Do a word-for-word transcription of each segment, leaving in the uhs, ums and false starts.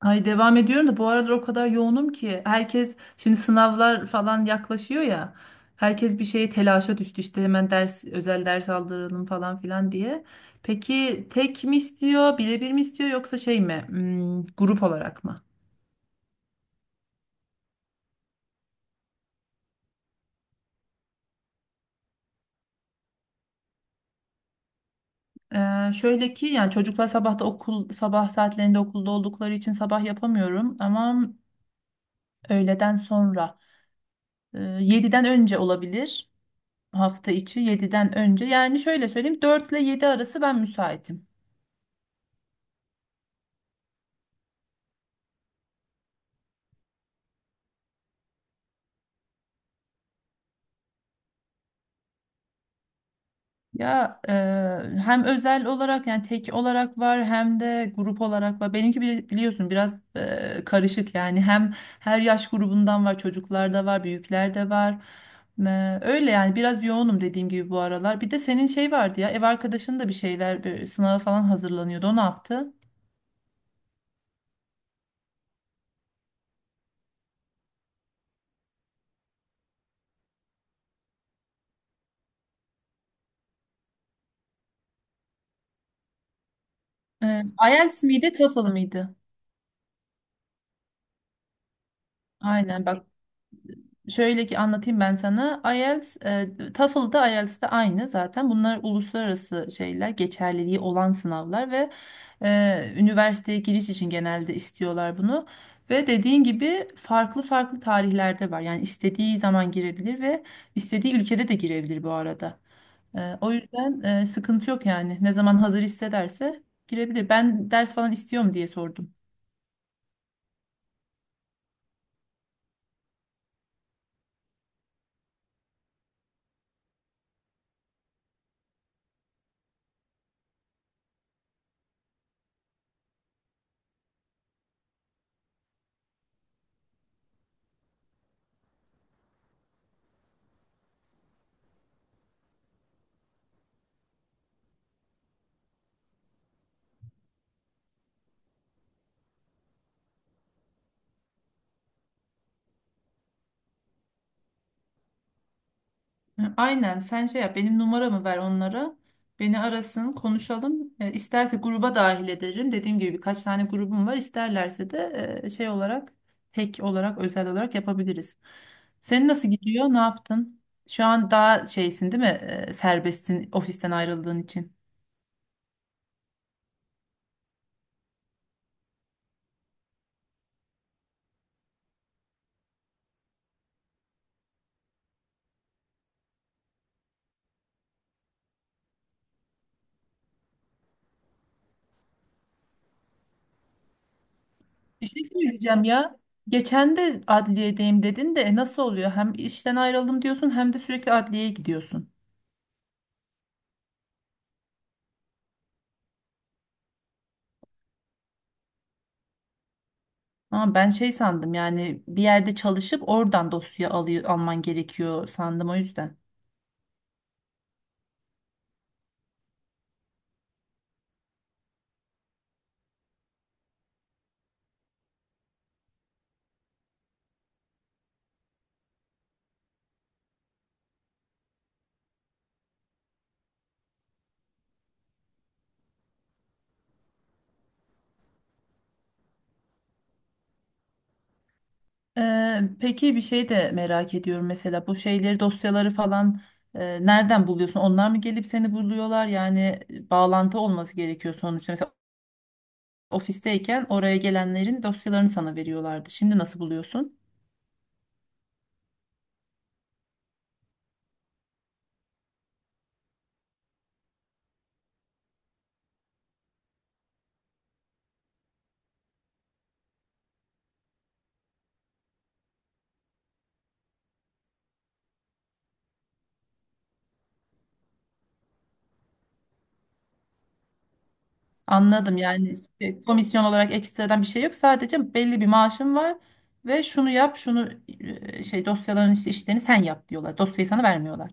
Ay devam ediyorum da bu aralar o kadar yoğunum ki herkes şimdi sınavlar falan yaklaşıyor ya, herkes bir şeye telaşa düştü işte hemen ders özel ders aldıralım falan filan diye. Peki tek mi istiyor birebir mi istiyor yoksa şey mi hmm, grup olarak mı? Ee, şöyle ki yani çocuklar sabahta okul sabah saatlerinde okulda oldukları için sabah yapamıyorum ama öğleden sonra e, yediden önce olabilir, hafta içi yediden önce, yani şöyle söyleyeyim dört ile yedi arası ben müsaitim. Ya e, hem özel olarak yani tek olarak var hem de grup olarak var. Benimki bili- biliyorsun biraz e, karışık, yani hem her yaş grubundan var, çocuklar da var büyükler de var. E, öyle yani biraz yoğunum dediğim gibi bu aralar. Bir de senin şey vardı ya, ev arkadaşın da bir şeyler böyle sınava falan hazırlanıyordu, o ne yaptı? E, IELTS miydi TOEFL mıydı? Aynen bak. Şöyle ki anlatayım ben sana. IELTS, e, TOEFL'da IELTS'de aynı zaten. Bunlar uluslararası şeyler, geçerliliği olan sınavlar ve e, üniversiteye giriş için genelde istiyorlar bunu. Ve dediğin gibi farklı farklı tarihlerde var. Yani istediği zaman girebilir ve istediği ülkede de girebilir bu arada. E, o yüzden e, sıkıntı yok yani. Ne zaman hazır hissederse girebilir. Ben ders falan istiyorum diye sordum. Hı, Aynen sen şey yap, benim numaramı ver onlara. Beni arasın konuşalım. E, isterse gruba dahil ederim. Dediğim gibi birkaç tane grubum var. İsterlerse de e, şey olarak tek olarak özel olarak yapabiliriz. Senin nasıl gidiyor? Ne yaptın? Şu an daha şeysin değil mi? E, serbestsin ofisten ayrıldığın için. Bir şey söyleyeceğim ya. Geçen de adliyedeyim dedin de e, nasıl oluyor? Hem işten ayrıldım diyorsun hem de sürekli adliyeye gidiyorsun. Ama ben şey sandım, yani bir yerde çalışıp oradan dosya alıyor, alman gerekiyor sandım o yüzden. Ee, peki bir şey de merak ediyorum, mesela bu şeyleri dosyaları falan e, nereden buluyorsun? Onlar mı gelip seni buluyorlar? Yani e, bağlantı olması gerekiyor sonuçta. Mesela ofisteyken oraya gelenlerin dosyalarını sana veriyorlardı. Şimdi nasıl buluyorsun? Anladım, yani e, komisyon olarak ekstradan bir şey yok. Sadece belli bir maaşın var ve şunu yap, şunu e, şey, dosyaların işte işlerini sen yap diyorlar. Dosyayı sana vermiyorlar.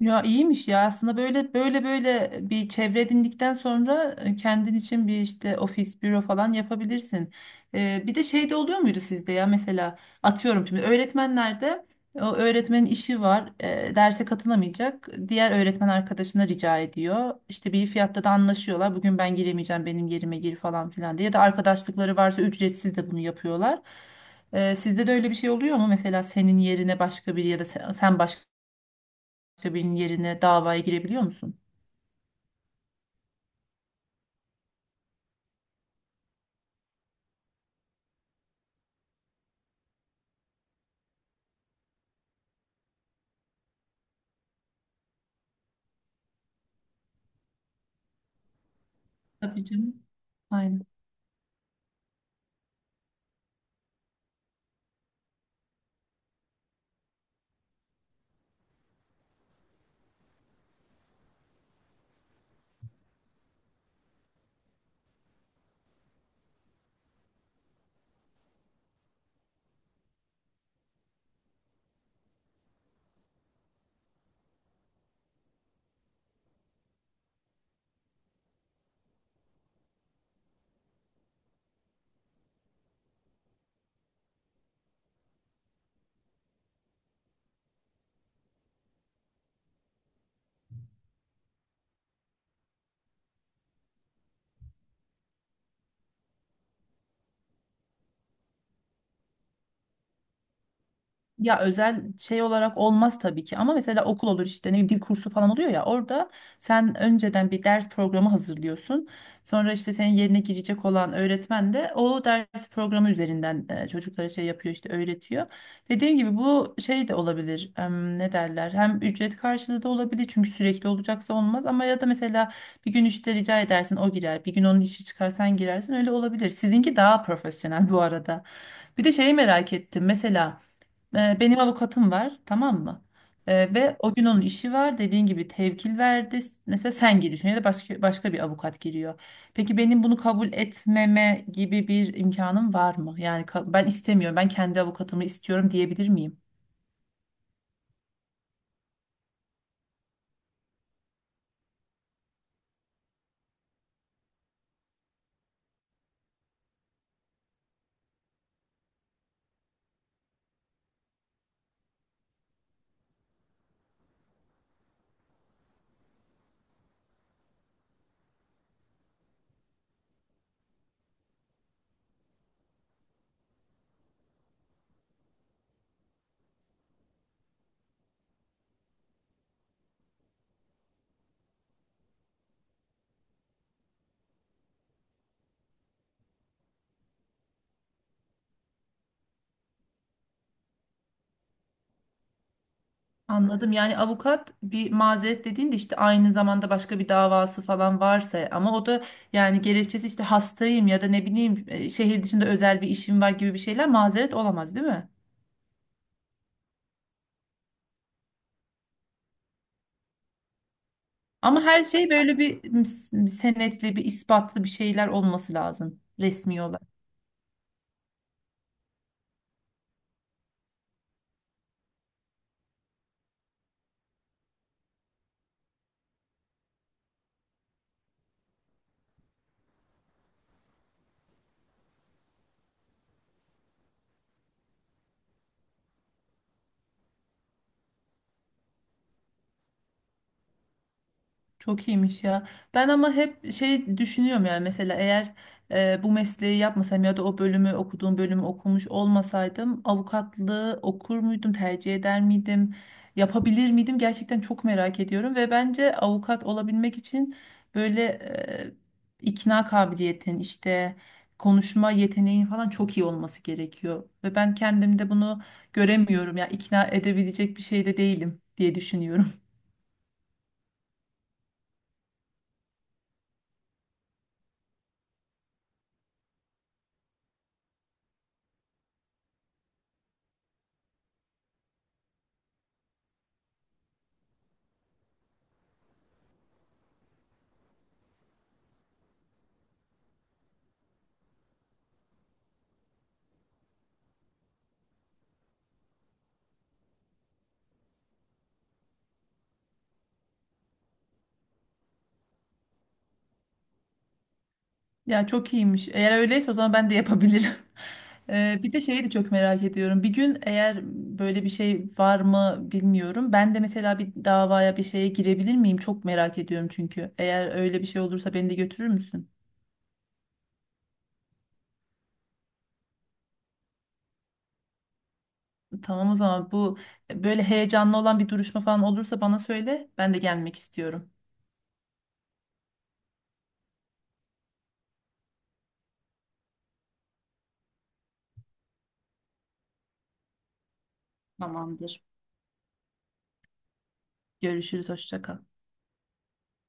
Ya iyiymiş ya, aslında böyle böyle böyle bir çevre edindikten sonra e, kendin için bir işte ofis, büro falan yapabilirsin. Ee, bir de şey de oluyor muydu sizde ya, mesela atıyorum şimdi öğretmenlerde o öğretmenin işi var, e, derse katılamayacak, diğer öğretmen arkadaşına rica ediyor. İşte bir fiyatta da anlaşıyorlar, bugün ben giremeyeceğim benim yerime gir falan filan diye, ya da arkadaşlıkları varsa ücretsiz de bunu yapıyorlar. Ee, sizde de öyle bir şey oluyor mu mesela, senin yerine başka biri ya da sen sen başka başka birinin yerine davaya girebiliyor musun? Tabii canım. Aynen. Ya özel şey olarak olmaz tabii ki, ama mesela okul olur işte, ne bileyim dil kursu falan oluyor ya, orada sen önceden bir ders programı hazırlıyorsun. Sonra işte senin yerine girecek olan öğretmen de o ders programı üzerinden e, çocuklara şey yapıyor işte, öğretiyor. Dediğim gibi bu şey de olabilir em, ne derler, hem ücret karşılığı da olabilir, çünkü sürekli olacaksa olmaz, ama ya da mesela bir gün işte rica edersin, o girer, bir gün onun işi çıkar sen girersin, öyle olabilir. Sizinki daha profesyonel bu arada. Bir de şeyi merak ettim mesela. E, Benim avukatım var, tamam mı? E, ve o gün onun işi var. Dediğin gibi tevkil verdi. Mesela sen giriyorsun ya da başka başka bir avukat giriyor. Peki benim bunu kabul etmeme gibi bir imkanım var mı? Yani ka- ben istemiyorum, ben kendi avukatımı istiyorum diyebilir miyim? Anladım. Yani avukat bir mazeret dediğinde işte aynı zamanda başka bir davası falan varsa, ama o da yani gerekçesi işte hastayım ya da ne bileyim e, şehir dışında özel bir işim var gibi bir şeyler mazeret olamaz, değil mi? Ama her şey böyle bir, bir senetli, bir ispatlı bir şeyler olması lazım resmi olarak. Çok iyiymiş ya. Ben ama hep şey düşünüyorum, yani mesela eğer e, bu mesleği yapmasam ya da o bölümü, okuduğum bölümü okumuş olmasaydım, avukatlığı okur muydum, tercih eder miydim, yapabilir miydim, gerçekten çok merak ediyorum. Ve bence avukat olabilmek için böyle e, ikna kabiliyetin işte, konuşma yeteneğin falan çok iyi olması gerekiyor, ve ben kendimde bunu göremiyorum ya, ikna edebilecek bir şey de değilim diye düşünüyorum. Ya çok iyiymiş. Eğer öyleyse o zaman ben de yapabilirim. Ee, bir de şeyi de çok merak ediyorum. Bir gün eğer, böyle bir şey var mı bilmiyorum, ben de mesela bir davaya, bir şeye girebilir miyim? Çok merak ediyorum çünkü. Eğer öyle bir şey olursa beni de götürür müsün? Tamam, o zaman bu böyle heyecanlı olan bir duruşma falan olursa bana söyle. Ben de gelmek istiyorum. Tamamdır. Görüşürüz. Hoşça kal.